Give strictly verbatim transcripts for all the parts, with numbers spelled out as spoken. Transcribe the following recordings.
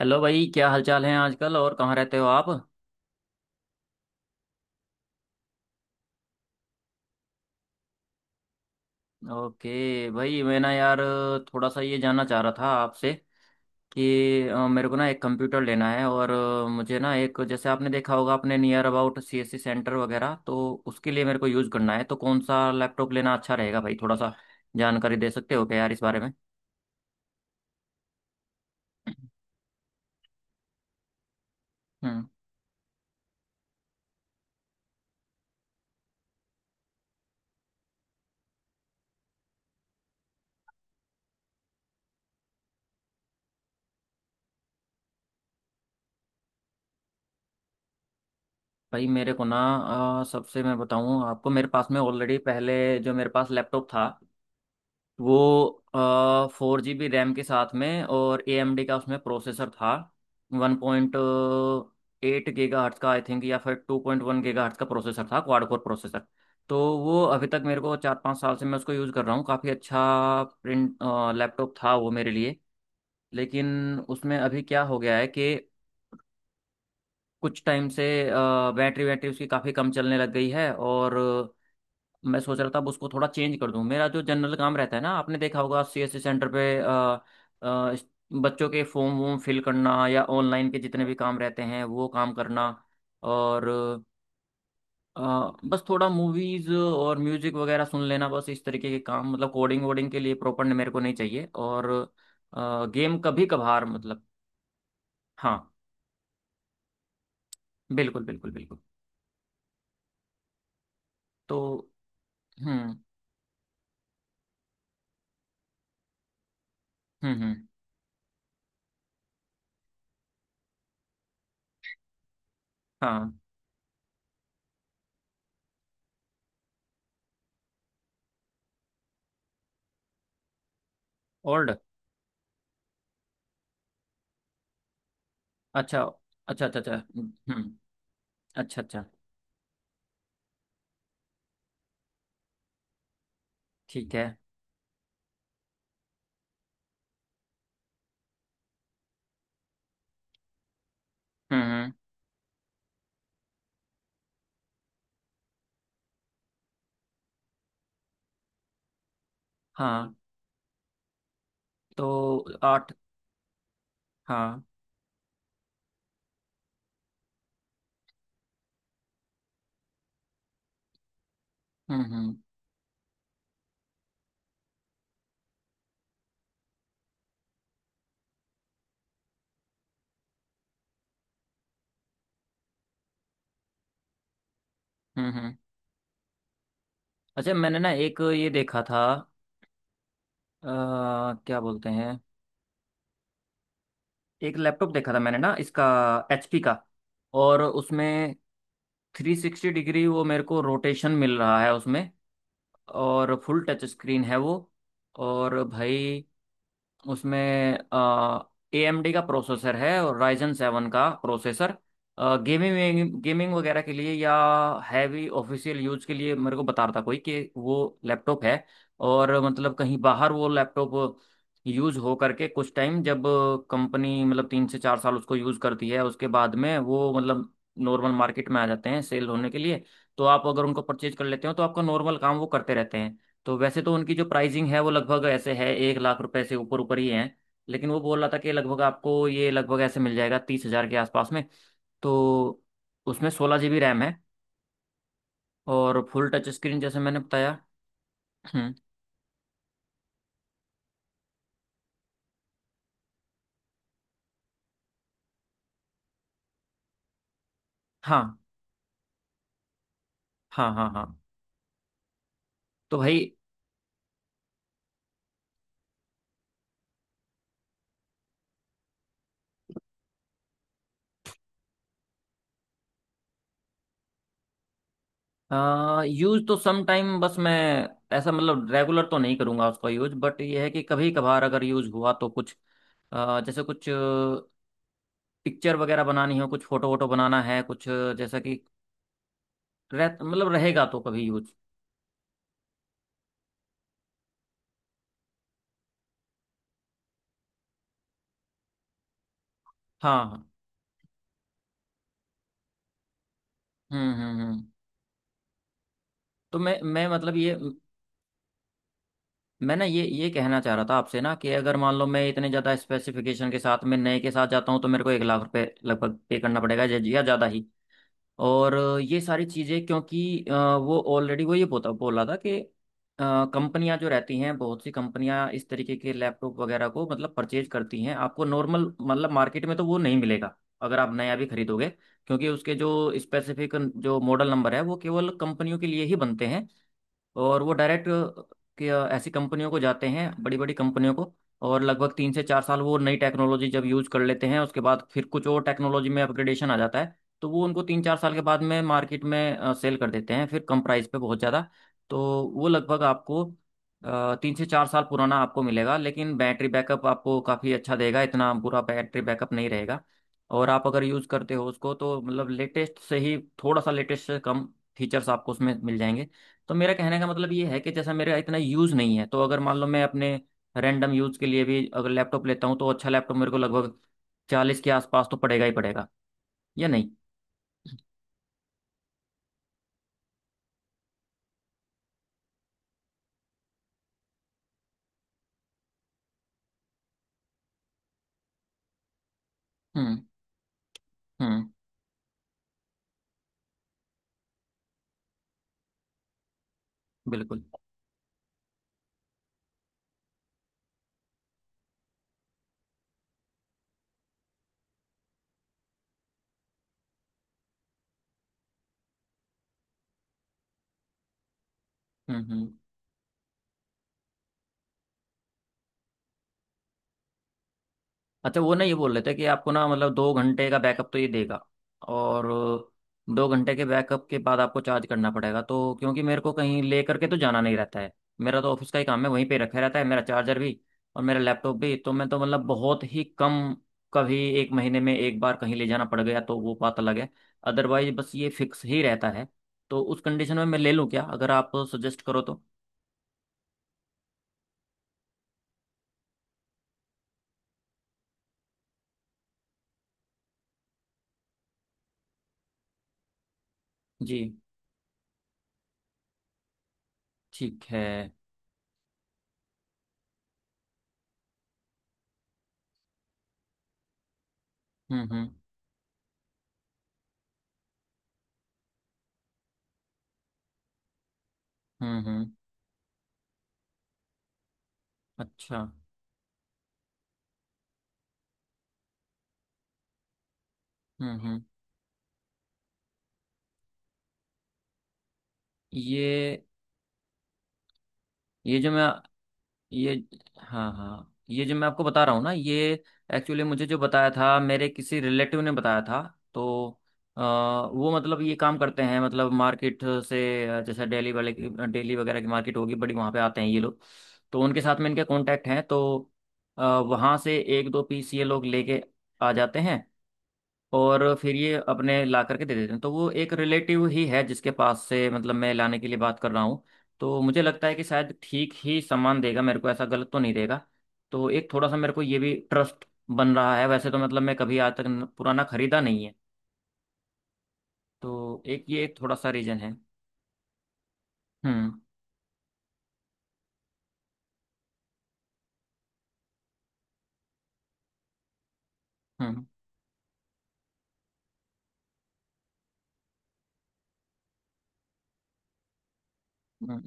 Hello भाई, क्या हालचाल है आजकल? और कहाँ रहते हो आप? ओके भाई, मैं ना यार थोड़ा सा ये जानना चाह रहा था आपसे कि अ, मेरे को ना एक कंप्यूटर लेना है। और अ, मुझे ना एक, जैसे आपने देखा होगा अपने नियर अबाउट सीएससी सेंटर वगैरह, तो उसके लिए मेरे को यूज़ करना है। तो कौन सा लैपटॉप लेना अच्छा रहेगा भाई? थोड़ा सा जानकारी दे सकते हो क्या यार इस बारे में? हम्म। भाई मेरे को ना, अ, सबसे मैं बताऊं आपको, मेरे पास में ऑलरेडी पहले जो मेरे पास लैपटॉप था वो फोर जी बी रैम के साथ में, और ए एम डी का उसमें प्रोसेसर था। One point eight gigahertz का आई थिंक या फिर two point one gigahertz का प्रोसेसर था, क्वाड कोर प्रोसेसर। तो वो अभी तक, मेरे को चार पाँच साल से मैं उसको यूज़ कर रहा हूँ, काफ़ी अच्छा प्रिंट लैपटॉप था वो मेरे लिए। लेकिन उसमें अभी क्या हो गया है कि कुछ टाइम से बैटरी बैटरी उसकी काफ़ी कम चलने लग गई है। और मैं सोच रहा था अब उसको थोड़ा चेंज कर दूं। मेरा जो जनरल काम रहता है ना, आपने देखा होगा सीएससी सेंटर पे, अ, अ, इस- बच्चों के फॉर्म वॉर्म फिल करना या ऑनलाइन के जितने भी काम रहते हैं वो काम करना। और अ, बस थोड़ा मूवीज और म्यूजिक वगैरह सुन लेना। बस इस तरीके के काम, मतलब कोडिंग वोडिंग के लिए प्रॉपर मेरे को नहीं चाहिए। और गेम कभी कभार, मतलब। हाँ। बिल्कुल बिल्कुल बिल्कुल। तो हम्म हम्म हम्म। हाँ। ओल्ड। अच्छा अच्छा अच्छा। अच्छा हम्म हम्म, अच्छा अच्छा। ठीक है। हम्म हम्म। हाँ। तो आठ। हाँ। हम्म हम्म हम्म, हम्म। अच्छा, मैंने ना एक ये देखा था, आ, क्या बोलते हैं, एक लैपटॉप देखा था मैंने ना इसका, एचपी का। और उसमें थ्री सिक्सटी डिग्री वो मेरे को रोटेशन मिल रहा है उसमें, और फुल टच स्क्रीन है वो। और भाई उसमें ए एम डी का प्रोसेसर है, और राइजन सेवन का प्रोसेसर। गेमिंग गेमिंग वगैरह के लिए या हैवी ऑफिशियल यूज के लिए मेरे को बता रहा था कोई, कि वो लैपटॉप है। और मतलब कहीं बाहर वो लैपटॉप यूज हो करके, कुछ टाइम जब कंपनी, मतलब तीन से चार साल उसको यूज करती है, उसके बाद में वो मतलब नॉर्मल मार्केट में आ जाते हैं सेल होने के लिए। तो आप अगर उनको परचेज कर लेते हो तो आपका नॉर्मल काम वो करते रहते हैं। तो वैसे तो उनकी जो प्राइसिंग है वो लगभग ऐसे है, एक लाख रुपए से ऊपर ऊपर ही है। लेकिन वो बोल रहा था कि लगभग आपको ये लगभग ऐसे मिल जाएगा तीस हजार के आसपास में। तो उसमें सोलह जीबी रैम है, और फुल टच स्क्रीन, जैसे मैंने बताया। हम्म। हाँ हाँ हाँ। हाँ। तो भाई, यूज तो सम टाइम, बस मैं ऐसा मतलब रेगुलर तो नहीं करूँगा उसका यूज। बट ये है कि कभी कभार अगर यूज हुआ तो कुछ, अ, जैसे कुछ पिक्चर वगैरह बनानी हो, कुछ फोटो वोटो बनाना है, कुछ जैसा कि रह मतलब रहेगा तो कभी यूज। हाँ हाँ। हम्म हम्म हम्म। तो मैं मैं मतलब ये, मैं ना ये ये कहना चाह रहा था आपसे ना, कि अगर मान लो मैं इतने ज़्यादा स्पेसिफिकेशन के साथ, मैं नए के साथ जाता हूँ, तो मेरे को एक लाख रुपए लगभग पे करना पड़ेगा, या या ज़्यादा ही। और ये सारी चीज़ें क्योंकि, अ, वो ऑलरेडी वो ये बोता बोला था कि कंपनियां जो रहती हैं, बहुत सी कंपनियां इस तरीके के लैपटॉप वगैरह को मतलब परचेज करती हैं। आपको नॉर्मल, मतलब मार्केट में तो वो नहीं मिलेगा अगर आप नया भी खरीदोगे। क्योंकि उसके जो स्पेसिफिक जो मॉडल नंबर है, वो केवल कंपनियों के लिए ही बनते हैं। और वो डायरेक्ट कि अ, ऐसी कंपनियों को जाते हैं, बड़ी बड़ी कंपनियों को। और लगभग तीन से चार साल वो नई टेक्नोलॉजी जब यूज़ कर लेते हैं, उसके बाद फिर कुछ और टेक्नोलॉजी में अपग्रेडेशन आ जाता है। तो वो उनको तीन चार साल के बाद में मार्केट में सेल कर देते हैं, फिर कम प्राइस पे, बहुत ज़्यादा। तो वो लगभग आपको अ, तीन से चार साल पुराना आपको मिलेगा, लेकिन बैटरी बैकअप आपको काफ़ी अच्छा देगा, इतना बुरा बैटरी बैकअप नहीं रहेगा। और आप अगर यूज़ करते हो उसको, तो मतलब लेटेस्ट से ही थोड़ा सा लेटेस्ट से कम फीचर्स आपको उसमें मिल जाएंगे। तो मेरा कहने का मतलब ये है, कि जैसा मेरा इतना यूज़ नहीं है, तो अगर मान लो मैं अपने रैंडम यूज़ के लिए भी अगर लैपटॉप लेता हूँ, तो अच्छा लैपटॉप मेरे को लगभग चालीस के आसपास तो पड़ेगा ही पड़ेगा, या नहीं? हम्म हम्म। बिल्कुल। हम्म हम्म। अच्छा, वो ना ये बोल रहे थे कि आपको ना, मतलब दो घंटे का बैकअप तो ये देगा। और दो घंटे के बैकअप के बाद आपको चार्ज करना पड़ेगा। तो क्योंकि मेरे को कहीं ले करके तो जाना नहीं रहता है, मेरा तो ऑफिस का ही काम है, वहीं पे रखा रहता है मेरा चार्जर भी और मेरा लैपटॉप भी। तो मैं तो मतलब बहुत ही कम, कभी एक महीने में एक बार कहीं ले जाना पड़ गया तो वो बात अलग है। अदरवाइज बस ये फिक्स ही रहता है। तो उस कंडीशन में मैं ले लूँ क्या अगर आप सजेस्ट करो तो? जी। ठीक है। हम्म हम्म हम्म हम्म। अच्छा। हम्म हम्म। ये ये जो मैं ये हाँ हाँ, ये जो मैं आपको बता रहा हूँ ना, ये एक्चुअली मुझे जो बताया था, मेरे किसी रिलेटिव ने बताया था। तो अ, वो मतलब ये काम करते हैं, मतलब मार्केट से, अ, जैसे डेली वाले की डेली वगैरह की मार्केट होगी बड़ी, वहाँ पे आते हैं ये लोग। तो उनके साथ में इनके कांटेक्ट हैं, तो अ, वहाँ से एक दो पीस ये लोग लेके आ जाते हैं। और फिर ये अपने ला करके दे देते हैं। तो वो एक रिलेटिव ही है जिसके पास से मतलब मैं लाने के लिए बात कर रहा हूँ। तो मुझे लगता है कि शायद ठीक ही सामान देगा मेरे को, ऐसा गलत तो नहीं देगा। तो एक थोड़ा सा मेरे को ये भी ट्रस्ट बन रहा है, वैसे तो मतलब मैं कभी आज तक न- पुराना खरीदा नहीं है। तो एक ये एक थोड़ा सा रीजन है। हम्म हम्म हम्म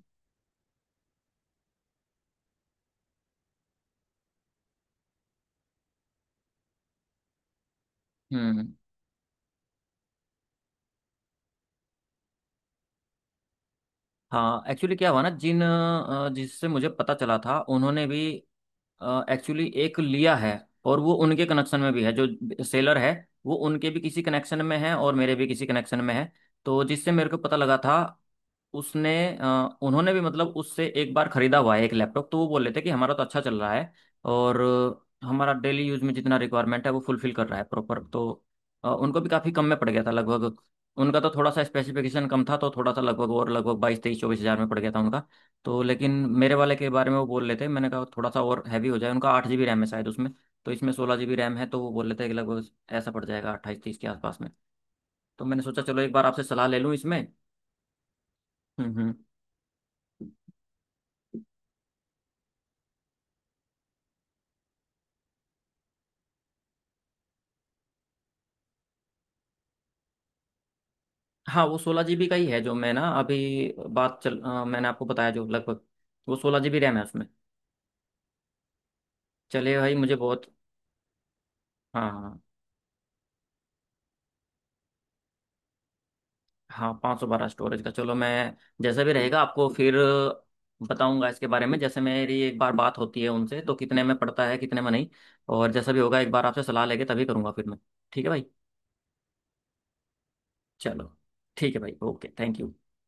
हम्म। हाँ, एक्चुअली क्या हुआ ना, जिन अ, जिससे मुझे पता चला था, उन्होंने भी एक्चुअली एक लिया है। और वो उनके कनेक्शन में भी है, जो सेलर है, वो उनके भी किसी कनेक्शन में है और मेरे भी किसी कनेक्शन में है। तो जिससे मेरे को पता लगा था, उसने, अ, उन्होंने भी, मतलब उससे एक बार खरीदा हुआ है एक लैपटॉप। तो वो बोल रहे थे कि हमारा तो अच्छा चल रहा है, और अ, हमारा डेली यूज में जितना रिक्वायरमेंट है वो फुलफिल कर रहा है प्रॉपर। तो अ, उनको भी काफ़ी कम में पड़ गया था लगभग। उनका तो थोड़ा सा स्पेसिफिकेशन कम था, तो थोड़ा सा लगभग, और लगभग बाईस तेईस चौबीस हज़ार में पड़ गया था उनका। तो लेकिन मेरे वाले के बारे में वो बोल रहे थे, मैंने कहा थोड़ा सा और हैवी हो जाए। उनका आठ जी बी रैम है शायद उसमें, तो इसमें सोलह जी बी रैम है। तो वो बोल रहे थे कि लगभग ऐसा पड़ जाएगा अट्ठाईस तीस के आसपास में। तो मैंने सोचा चलो एक बार आपसे सलाह ले लूँ इसमें। हम्म हम्म। हाँ, वो सोलह जीबी का ही है जो मैं ना अभी, बात चल अ, मैंने आपको बताया जो लगभग, वो सोलह जीबी रैम है उसमें। चलिए भाई, मुझे बहुत। हाँ हाँ। हाँ, पाँच सौ बारह स्टोरेज का, चलो मैं जैसा भी रहेगा आपको फिर बताऊंगा इसके बारे में। जैसे मेरी एक बार बात होती है उनसे, तो कितने में पड़ता है कितने में नहीं, और जैसा भी होगा एक बार आपसे सलाह लेके तभी करूंगा फिर मैं। ठीक है भाई। चलो, ठीक है भाई, ओके थैंक यू।